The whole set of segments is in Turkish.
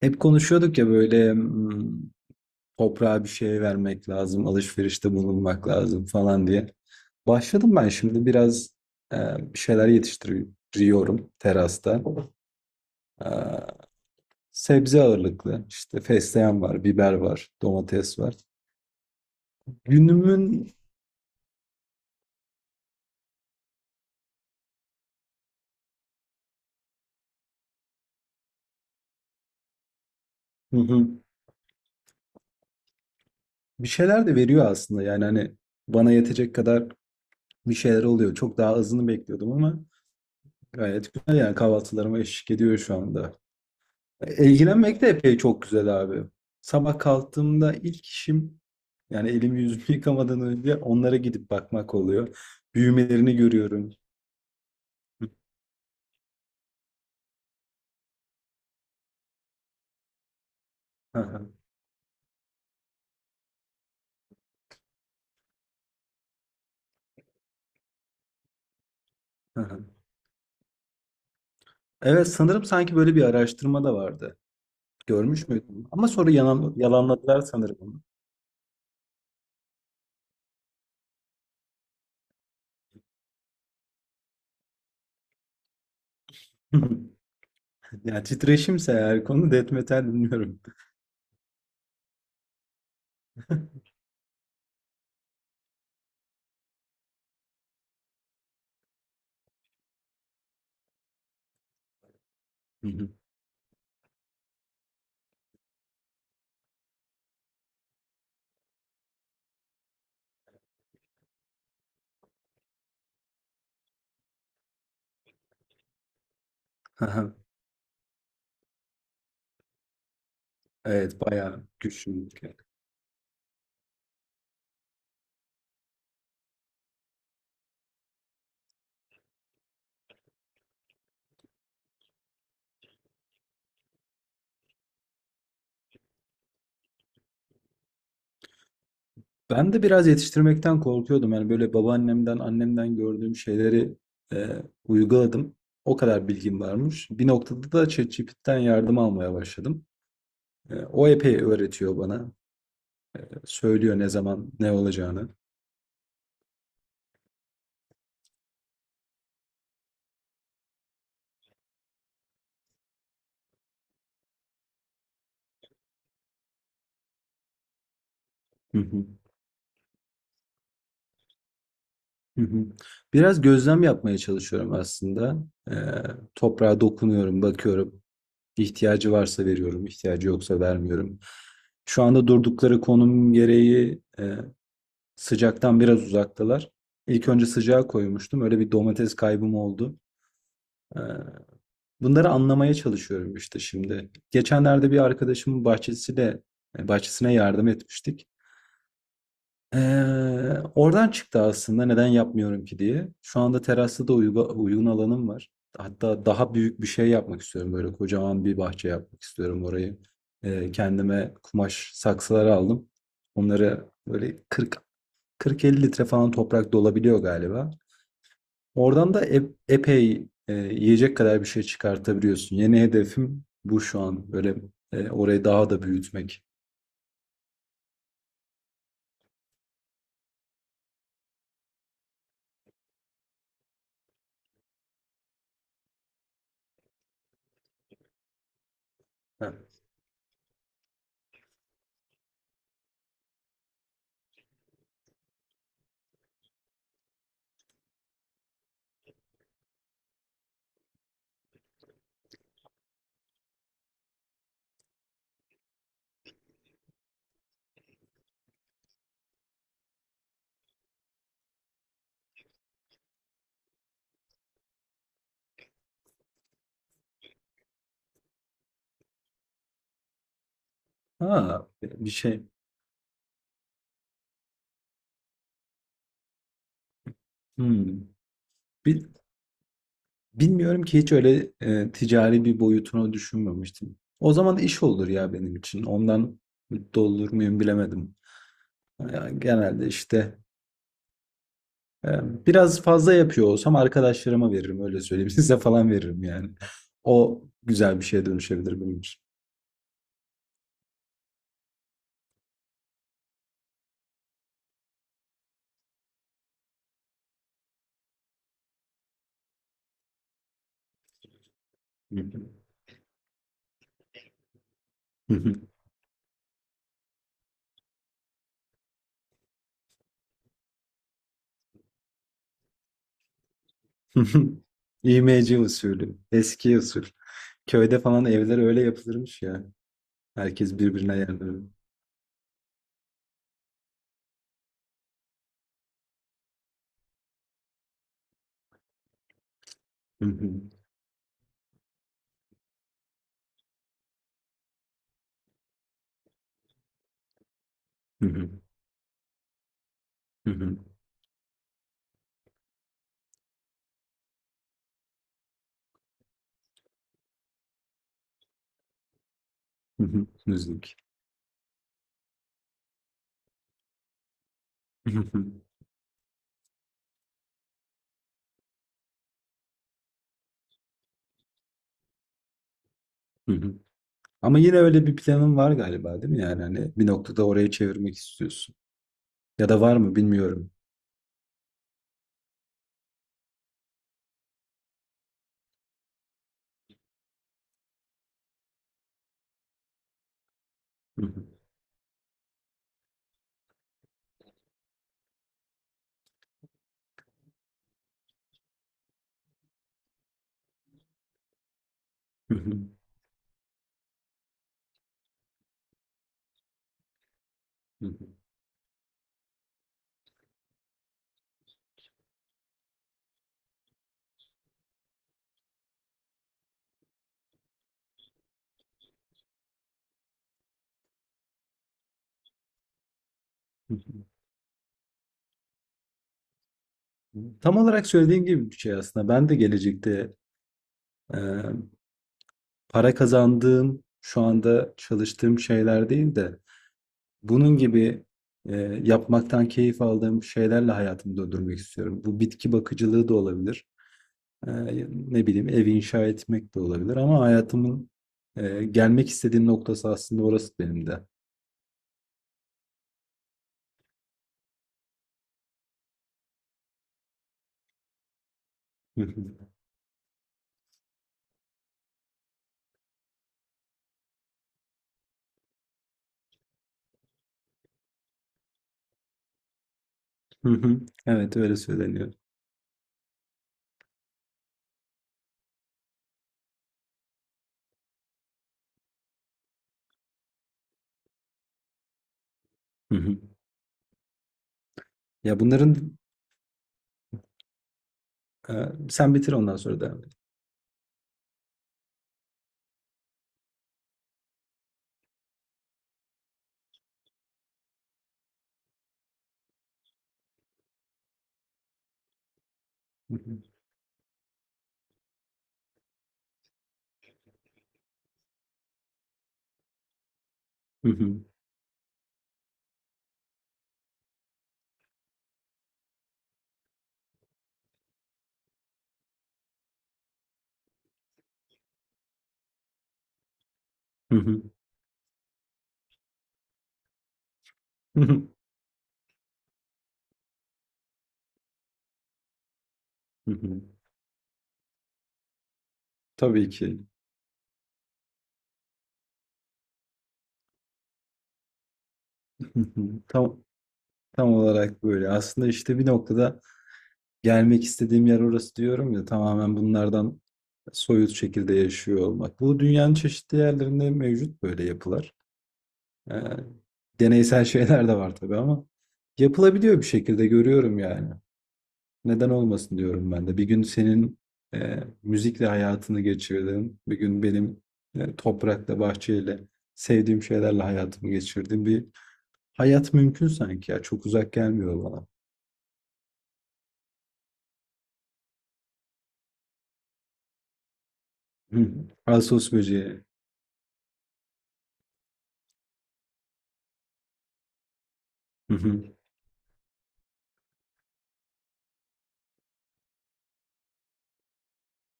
Hep konuşuyorduk ya böyle toprağa bir şey vermek lazım, alışverişte bulunmak lazım falan diye. Başladım ben şimdi biraz e, bir şeyler yetiştiriyorum terasta. E, Sebze ağırlıklı işte fesleğen var, biber var, domates var. Günümün Hı hı. Bir şeyler de veriyor aslında yani hani bana yetecek kadar bir şeyler oluyor. Çok daha azını bekliyordum ama gayet güzel yani kahvaltılarıma eşlik ediyor şu anda. İlgilenmek de epey çok güzel abi. Sabah kalktığımda ilk işim yani elimi yüzümü yıkamadan önce onlara gidip bakmak oluyor. Büyümelerini görüyorum. Hı hı, hı hı. Evet sanırım sanki böyle bir araştırma da vardı. Görmüş müydün? Ama sonra yalanladılar sanırım onu. Yani titreşimse eğer konu death metal bilmiyorum. Hı hı, hı hı. Evet bayağı güçlü. Ben de biraz yetiştirmekten korkuyordum. Yani böyle babaannemden, annemden gördüğüm şeyleri e, uyguladım. O kadar bilgim varmış. Bir noktada da ChatGPT'den yardım almaya başladım. O epey öğretiyor bana. Söylüyor ne zaman ne olacağını. Hı hı, hı hı. Biraz gözlem yapmaya çalışıyorum aslında. E, Toprağa dokunuyorum, bakıyorum. İhtiyacı varsa veriyorum, ihtiyacı yoksa vermiyorum. Şu anda durdukları konum gereği sıcaktan biraz uzaktalar. İlk önce sıcağa koymuştum. Öyle bir domates kaybım oldu. E, Bunları anlamaya çalışıyorum işte şimdi. Geçenlerde bir arkadaşımın bahçesiyle, bahçesine yardım etmiştik. Oradan çıktı aslında neden yapmıyorum ki diye. Şu anda terasta da uygun alanım var. Hatta daha büyük bir şey yapmak istiyorum. Böyle kocaman bir bahçe yapmak istiyorum orayı. Kendime kumaş saksılar aldım. Onları böyle 40 40-50 litre falan toprak dolabiliyor galiba. Oradan da epey yiyecek kadar bir şey çıkartabiliyorsun. Yeni hedefim bu şu an. Böyle orayı daha da büyütmek. Ha, Ha, bir şey. Hmm. Bir, Bilmiyorum ki hiç öyle ticari bir boyutunu düşünmemiştim. O zaman iş olur ya benim için. Ondan mutlu olur muyum bilemedim. Yani genelde işte biraz fazla yapıyor olsam arkadaşlarıma veririm öyle söyleyeyim. Size falan veririm yani. O güzel bir şeye dönüşebilir benim için. İğmeci usulü, eski usul. Köyde falan evler öyle yapılırmış ya. Herkes birbirine yardım. Müzik. Ama yine öyle bir planın var galiba değil mi? Yani hani bir noktada oraya çevirmek istiyorsun. Ya da var mı bilmiyorum. Tam olarak söylediğin gibi bir şey aslında. Ben de gelecekte e, para kazandığım, şu anda çalıştığım şeyler değil de bunun gibi e, yapmaktan keyif aldığım şeylerle hayatımı döndürmek istiyorum. Bu bitki bakıcılığı da olabilir. E, Ne bileyim ev inşa etmek de olabilir ama hayatımın gelmek istediğim noktası aslında orası benim de. Hı hı. Hı hı. Evet, öyle söyleniyor. Hı hı. Ya bunların e, sen bitir ondan sonra devam et. Hı hı. Hı hı. Hı hı. Hı hı. Hı hı. Tabii ki. Hı hı. Tam tam olarak böyle. Aslında işte bir noktada gelmek istediğim yer orası diyorum ya tamamen bunlardan soyut şekilde yaşıyor olmak. Bu dünyanın çeşitli yerlerinde mevcut böyle yapılar. E, Deneysel şeyler de var tabii ama yapılabiliyor bir şekilde görüyorum yani. Neden olmasın diyorum ben de. Bir gün senin müzikle hayatını geçirdim. Bir gün benim toprakla, bahçeyle, sevdiğim şeylerle hayatımı geçirdim. Bir hayat mümkün sanki ya. Çok uzak gelmiyor bana. Hı hı. Ağustos böceği. Hı hı,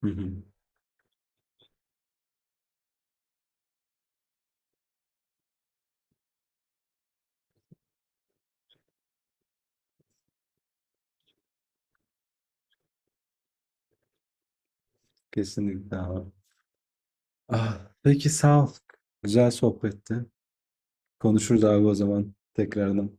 hı hı. Kesinlikle abi. Ah, peki sağ ol. Güzel sohbetti. Konuşuruz abi o zaman tekrardan.